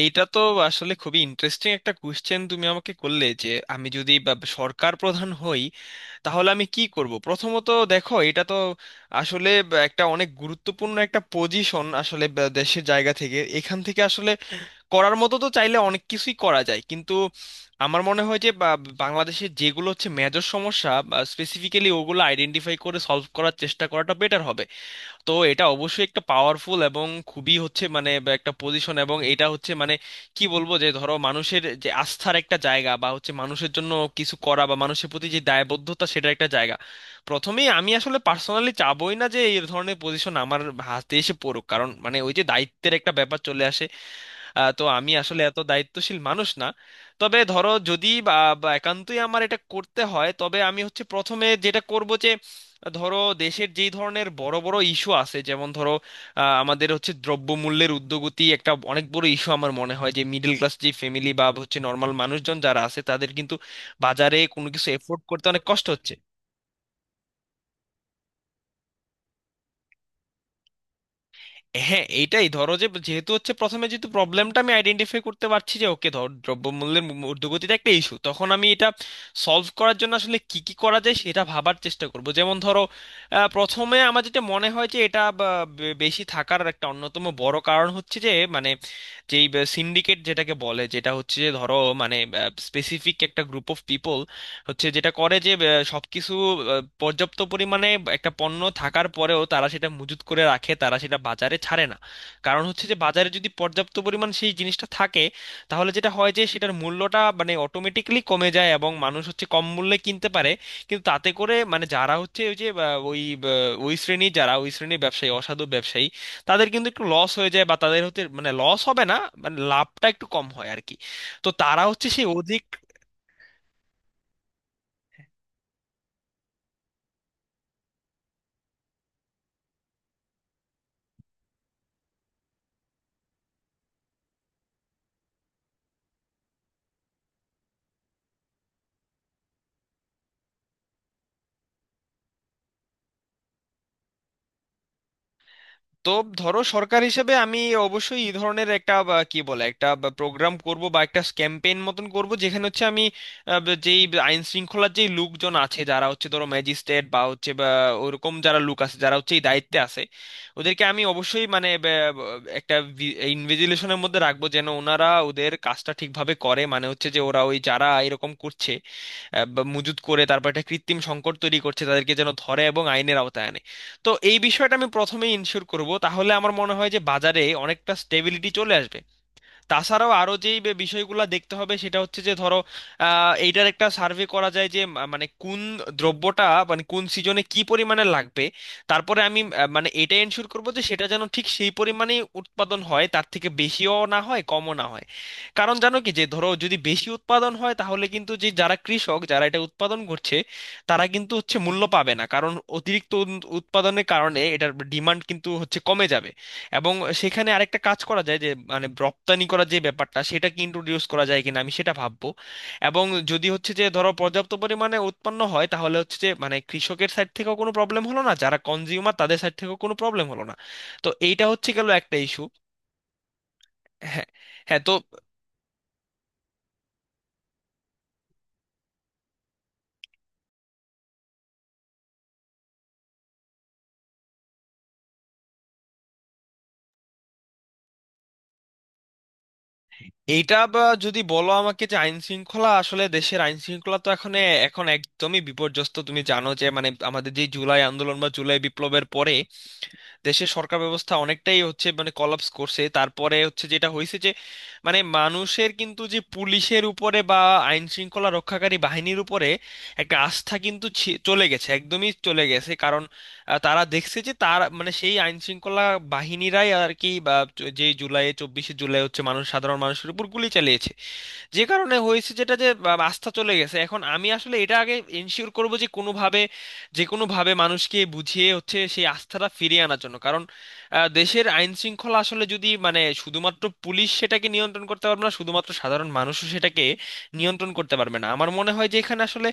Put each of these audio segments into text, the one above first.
এইটা তো আসলে খুবই ইন্টারেস্টিং একটা কোশ্চেন তুমি আমাকে করলে যে আমি যদি সরকার প্রধান হই, তাহলে আমি কি করব প্রথমত। দেখো, এটা তো আসলে একটা অনেক গুরুত্বপূর্ণ একটা পজিশন আসলে দেশের জায়গা থেকে। এখান থেকে আসলে করার মতো তো চাইলে অনেক কিছুই করা যায়, কিন্তু আমার মনে হয় যে বাংলাদেশের যেগুলো হচ্ছে মেজর সমস্যা, স্পেসিফিক্যালি ওগুলো আইডেন্টিফাই করে সলভ করার চেষ্টা করাটা বেটার হবে। তো এটা অবশ্যই একটা পাওয়ারফুল এবং খুবই হচ্ছে মানে বা একটা পজিশন, এবং এটা হচ্ছে মানে কি বলবো, যে ধরো মানুষের যে আস্থার একটা জায়গা বা হচ্ছে মানুষের জন্য কিছু করা বা মানুষের প্রতি যে দায়বদ্ধতা, সেটার একটা জায়গা। প্রথমেই আমি আসলে পার্সোনালি চাবই না যে এই ধরনের পজিশন আমার হাতে এসে পড়ুক, কারণ মানে ওই যে দায়িত্বের একটা ব্যাপার চলে আসে। তো আমি আসলে এত দায়িত্বশীল মানুষ না। তবে ধরো যদি বা বা একান্তই আমার এটা করতে হয়, তবে আমি হচ্ছে প্রথমে যেটা করব যে ধরো দেশের যেই ধরনের বড় বড় ইস্যু আছে, যেমন ধরো আমাদের হচ্ছে দ্রব্যমূল্যের ঊর্ধ্বগতি একটা অনেক বড় ইস্যু। আমার মনে হয় যে মিডল ক্লাস যে ফ্যামিলি বা হচ্ছে নর্মাল মানুষজন যারা আছে, তাদের কিন্তু বাজারে কোনো কিছু এফোর্ড করতে অনেক কষ্ট হচ্ছে। হ্যাঁ, এইটাই, ধরো যে যেহেতু হচ্ছে প্রথমে যেহেতু প্রবলেমটা আমি আইডেন্টিফাই করতে পারছি যে ওকে, ধর দ্রব্যমূল্যের ঊর্ধ্বগতিটা একটা ইস্যু, তখন আমি এটা সলভ করার জন্য আসলে কি কি করা যায় সেটা ভাবার চেষ্টা করব। যেমন ধরো প্রথমে আমার যেটা মনে হয় যে এটা বেশি থাকার একটা অন্যতম বড় কারণ হচ্ছে যে মানে যেই সিন্ডিকেট যেটাকে বলে, যেটা হচ্ছে যে ধরো মানে স্পেসিফিক একটা গ্রুপ অফ পিপল হচ্ছে, যেটা করে যে সবকিছু পর্যাপ্ত পরিমাণে একটা পণ্য থাকার পরেও তারা সেটা মজুত করে রাখে, তারা সেটা বাজারে ছাড়ে না। কারণ হচ্ছে যে বাজারে যদি পর্যাপ্ত পরিমাণ সেই জিনিসটা থাকে, তাহলে যেটা হয় যে সেটার মূল্যটা মানে অটোমেটিক্যালি কমে যায় এবং মানুষ হচ্ছে কম মূল্যে কিনতে পারে। কিন্তু তাতে করে মানে যারা হচ্ছে ওই যে ওই ওই শ্রেণীর যারা, ওই শ্রেণীর ব্যবসায়ী, অসাধু ব্যবসায়ী, তাদের কিন্তু একটু লস হয়ে যায় বা তাদের হতে মানে লস হবে না, মানে লাভটা একটু কম হয় আর কি। তো তারা হচ্ছে সেই অধিক। তো ধরো সরকার হিসেবে আমি অবশ্যই এই ধরনের একটা বা কি বলে একটা প্রোগ্রাম করব বা একটা ক্যাম্পেইন মতন করব, যেখানে হচ্ছে আমি যেই আইন শৃঙ্খলার যেই লোকজন আছে যারা হচ্ছে ধরো ম্যাজিস্ট্রেট বা হচ্ছে বা ওরকম যারা লোক আছে যারা হচ্ছে এই দায়িত্বে আছে, ওদেরকে আমি অবশ্যই মানে ব- একটা ইনভিজিলেশনের মধ্যে রাখবো, যেন ওনারা ওদের কাজটা ঠিকভাবে করে, মানে হচ্ছে যে ওরা ওই যারা এরকম করছে বা মজুত করে, তারপর একটা কৃত্রিম সংকট তৈরি করছে, তাদেরকে যেন ধরে এবং আইনের আওতায় আনে। তো এই বিষয়টা আমি প্রথমেই ইনশিওর করব, তাহলে আমার মনে হয় যে বাজারে অনেকটা স্টেবিলিটি চলে আসবে। তাছাড়াও আরো যেই বিষয়গুলো দেখতে হবে সেটা হচ্ছে যে ধরো এইটার একটা সার্ভে করা যায় যে মানে কোন দ্রব্যটা মানে কোন সিজনে কি পরিমাণে লাগবে। তারপরে আমি মানে এটা এনশিওর করবো যে সেটা যেন ঠিক সেই পরিমাণে উৎপাদন হয়, তার থেকে বেশিও না হয় কমও না হয়। কারণ জানো কি যে ধরো যদি বেশি উৎপাদন হয় তাহলে কিন্তু যে যারা কৃষক যারা এটা উৎপাদন করছে, তারা কিন্তু হচ্ছে মূল্য পাবে না, কারণ অতিরিক্ত উৎপাদনের কারণে এটার ডিমান্ড কিন্তু হচ্ছে কমে যাবে। এবং সেখানে আরেকটা কাজ করা যায় যে মানে রপ্তানি করার যে ব্যাপারটা সেটা কি ইন্ট্রোডিউস করা যায় কিনা, আমি সেটা ভাববো। এবং যদি হচ্ছে যে ধরো পর্যাপ্ত পরিমাণে উৎপন্ন হয়, তাহলে হচ্ছে যে মানে কৃষকের সাইড থেকেও কোনো প্রবলেম হলো না, যারা কনজিউমার তাদের সাইড থেকেও কোনো প্রবলেম হলো না। তো এইটা হচ্ছে গেল একটা ইস্যু। হ্যাঁ। হ্যাঁ, তো এইটা বা যদি বলো আমাকে যে আইন শৃঙ্খলা, আসলে দেশের আইন শৃঙ্খলা তো এখন এখন একদমই বিপর্যস্ত। তুমি জানো যে মানে আমাদের যে জুলাই আন্দোলন বা জুলাই বিপ্লবের পরে দেশের সরকার ব্যবস্থা অনেকটাই হচ্ছে মানে কলাপস করছে। তারপরে হচ্ছে যেটা হয়েছে যে মানে মানুষের কিন্তু যে পুলিশের উপরে বা আইন শৃঙ্খলা রক্ষাকারী বাহিনীর উপরে একটা আস্থা কিন্তু চলে গেছে, একদমই চলে গেছে। কারণ তারা দেখছে যে তার মানে সেই আইন শৃঙ্খলা বাহিনীরাই আর কি বা যে জুলাই চব্বিশে জুলাই হচ্ছে মানুষ, সাধারণ মানুষের উপর গুলি চালিয়েছে। যে কারণে হয়েছে যেটা যে আস্থা চলে গেছে। এখন আমি আসলে এটা আগে এনশিওর করব যে কোনোভাবে যে কোনোভাবে মানুষকে বুঝিয়ে হচ্ছে সেই আস্থাটা ফিরিয়ে আনার জন্য। কারণ দেশের আইন শৃঙ্খলা আসলে যদি মানে শুধুমাত্র পুলিশ সেটাকে নিয়ন্ত্রণ করতে পারবে না, শুধুমাত্র সাধারণ মানুষও সেটাকে নিয়ন্ত্রণ করতে পারবে না। আমার মনে হয় যে এখানে আসলে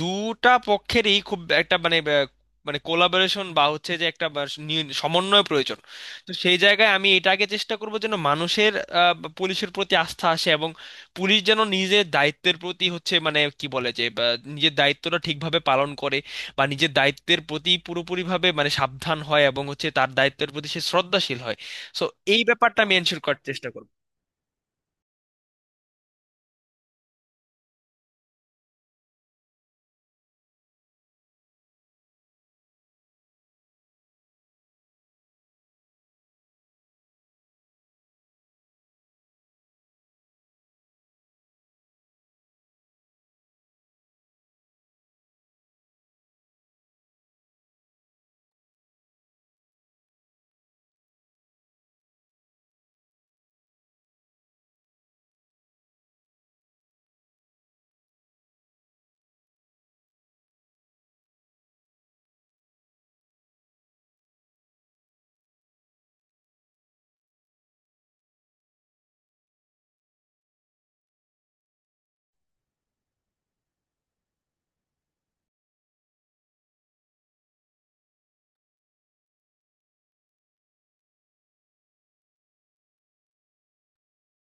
দুটা পক্ষেরই খুব একটা মানে মানে কোলাবোরেশন বা হচ্ছে যে একটা বা সমন্বয় প্রয়োজন। তো সেই জায়গায় আমি এটাকে চেষ্টা করব যেন মানুষের পুলিশের প্রতি আস্থা আসে, এবং পুলিশ যেন নিজের দায়িত্বের প্রতি হচ্ছে মানে কি বলে যে বা নিজের দায়িত্বটা ঠিকভাবে পালন করে, বা নিজের দায়িত্বের প্রতি পুরোপুরিভাবে মানে সাবধান হয় এবং হচ্ছে তার দায়িত্বের প্রতি সে শ্রদ্ধাশীল হয়। সো এই ব্যাপারটা আমি এনশিওর করার চেষ্টা করব।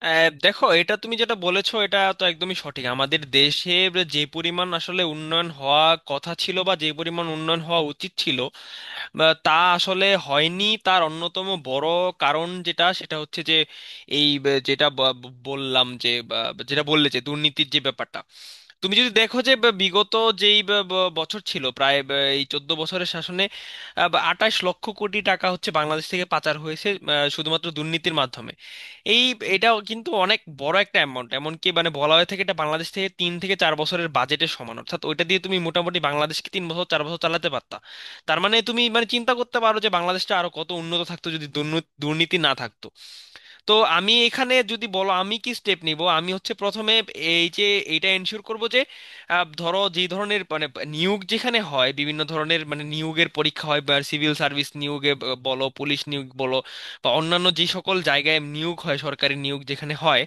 দেখো এটা তুমি যেটা বলেছো এটা তো একদমই সঠিক। আমাদের দেশের যে পরিমাণ আসলে উন্নয়ন হওয়া কথা ছিল, বা যে পরিমাণ উন্নয়ন হওয়া উচিত ছিল বা তা আসলে হয়নি, তার অন্যতম বড় কারণ যেটা সেটা হচ্ছে যে এই বললাম যে যেটা বললে যে দুর্নীতির যে ব্যাপারটা। তুমি যদি দেখো যে বিগত যেই বছর ছিল প্রায় এই 14 বছরের শাসনে 28 লক্ষ কোটি টাকা হচ্ছে বাংলাদেশ থেকে পাচার হয়েছে, শুধুমাত্র দুর্নীতির মাধ্যমে। এই এটাও কিন্তু অনেক বড় একটা অ্যামাউন্ট। এমনকি মানে বলা হয়ে থাকে এটা বাংলাদেশ থেকে 3 থেকে 4 বছরের বাজেটের সমান, অর্থাৎ ওইটা দিয়ে তুমি মোটামুটি বাংলাদেশকে 3 বছর 4 বছর চালাতে পারতা। তার মানে তুমি মানে চিন্তা করতে পারো যে বাংলাদেশটা আরো কত উন্নত থাকতো যদি দুর্নীতি দুর্নীতি না থাকতো। তো আমি এখানে যদি বলো আমি কি স্টেপ নিব, আমি হচ্ছে প্রথমে এই যে এটা এনশিওর করব যে ধরো যে ধরনের মানে নিয়োগ যেখানে হয়, বিভিন্ন ধরনের মানে নিয়োগের পরীক্ষা হয়, বা সিভিল সার্ভিস নিয়োগে বলো, পুলিশ নিয়োগ বলো, বা অন্যান্য যে সকল জায়গায় নিয়োগ হয়, সরকারি নিয়োগ যেখানে হয়,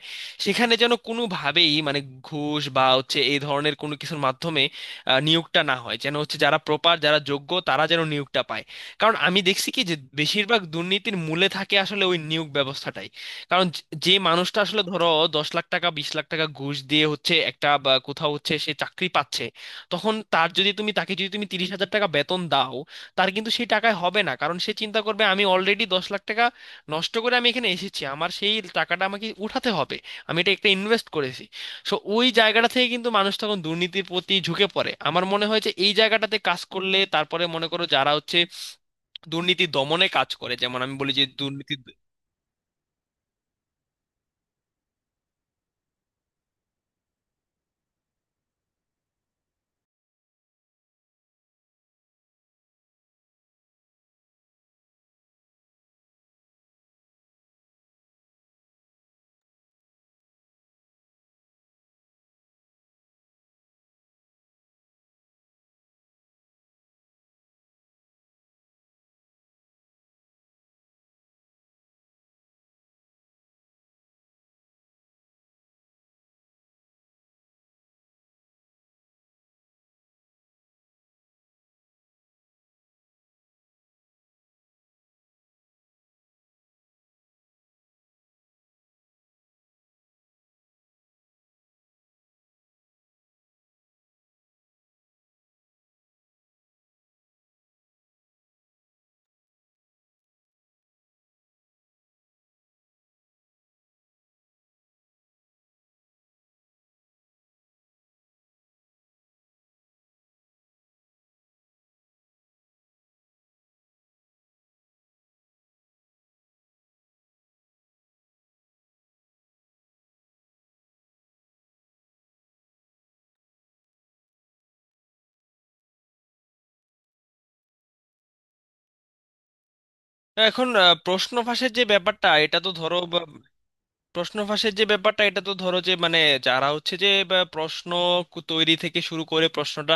সেখানে যেন কোনোভাবেই মানে ঘুষ বা হচ্ছে এই ধরনের কোনো কিছুর মাধ্যমে নিয়োগটা না হয়, যেন হচ্ছে যারা প্রপার, যারা যোগ্য তারা যেন নিয়োগটা পায়। কারণ আমি দেখছি কি যে বেশিরভাগ দুর্নীতির মূলে থাকে আসলে ওই নিয়োগ ব্যবস্থাটাই। কারণ যে যে মানুষটা আসলে ধরো 10 লাখ টাকা, 20 লাখ টাকা ঘুষ দিয়ে হচ্ছে একটা বা কোথাও হচ্ছে সে চাকরি পাচ্ছে, তখন তার যদি তুমি, তাকে যদি তুমি 30 হাজার টাকা বেতন দাও, তার কিন্তু সেই টাকায় হবে না। কারণ সে চিন্তা করবে আমি অলরেডি 10 লাখ টাকা নষ্ট করে আমি এখানে এসেছি, আমার সেই টাকাটা আমাকে উঠাতে হবে, আমি এটা একটা ইনভেস্ট করেছি। সো ওই জায়গাটা থেকে কিন্তু মানুষ তখন দুর্নীতির প্রতি ঝুঁকে পড়ে। আমার মনে হয় যে এই জায়গাটাতে কাজ করলে তারপরে মনে করো যারা হচ্ছে দুর্নীতি দমনে কাজ করে, যেমন আমি বলি যে দুর্নীতি। এখন প্রশ্ন ফাঁসের যে ব্যাপারটা, এটা তো ধরো প্রশ্ন ফাঁসের যে ব্যাপারটা এটা তো ধরো যে মানে যারা হচ্ছে যে প্রশ্ন তৈরি থেকে শুরু করে প্রশ্নটা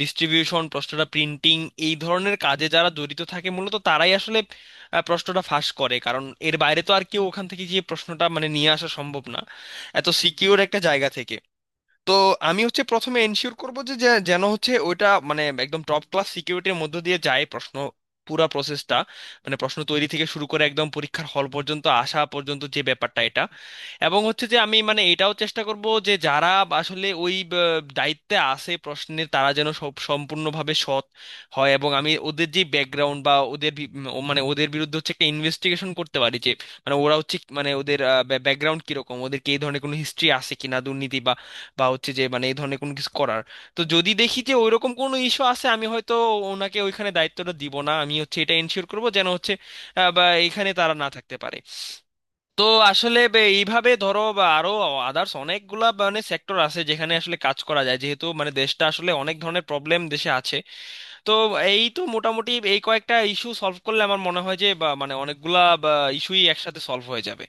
ডিস্ট্রিবিউশন, প্রশ্নটা প্রিন্টিং, এই ধরনের কাজে যারা জড়িত থাকে মূলত তারাই আসলে প্রশ্নটা ফাঁস করে। কারণ এর বাইরে তো আর কেউ ওখান থেকে যে প্রশ্নটা মানে নিয়ে আসা সম্ভব না, এত সিকিউর একটা জায়গা থেকে। তো আমি হচ্ছে প্রথমে এনশিওর করব যে যে- যেন হচ্ছে ওইটা মানে একদম টপ ক্লাস সিকিউরিটির মধ্য দিয়ে যায় প্রশ্ন, পুরা প্রসেসটা, মানে প্রশ্ন তৈরি থেকে শুরু করে একদম পরীক্ষার হল পর্যন্ত আসা পর্যন্ত যে ব্যাপারটা এটা। এবং হচ্ছে যে আমি মানে এটাও চেষ্টা করব যে যারা আসলে ওই দায়িত্বে আছে প্রশ্নের, তারা যেন সব সম্পূর্ণভাবে সৎ হয়, এবং আমি ওদের যে ব্যাকগ্রাউন্ড বা ওদের বি- উম, ও মানে ওদের বিরুদ্ধে হচ্ছে একটা ইনভেস্টিগেশন করতে পারি, যে মানে ওরা হচ্ছে মানে ওদের ব্যাকগ্রাউন্ড কিরকম, ওদের কি এই ধরনের কোনো হিস্ট্রি আছে কিনা দুর্নীতি বা হচ্ছে যে মানে এই ধরনের কোনো কিছু করার। তো যদি দেখি যে ওইরকম কোনো ইস্যু আছে, আমি হয়তো ওনাকে ওইখানে দায়িত্বটা দিব না। আমি হচ্ছে এটা এনশিওর করব যেন হচ্ছে বা এখানে তারা না থাকতে পারে। তো আসলে এইভাবে ধরো বা আরো আদার্স অনেকগুলা মানে সেক্টর আছে যেখানে আসলে কাজ করা যায়, যেহেতু মানে দেশটা আসলে অনেক ধরনের প্রবলেম দেশে আছে। তো এই তো মোটামুটি এই কয়েকটা ইস্যু সলভ করলে আমার মনে হয় যে বা মানে অনেকগুলা ইস্যুই একসাথে সলভ হয়ে যাবে।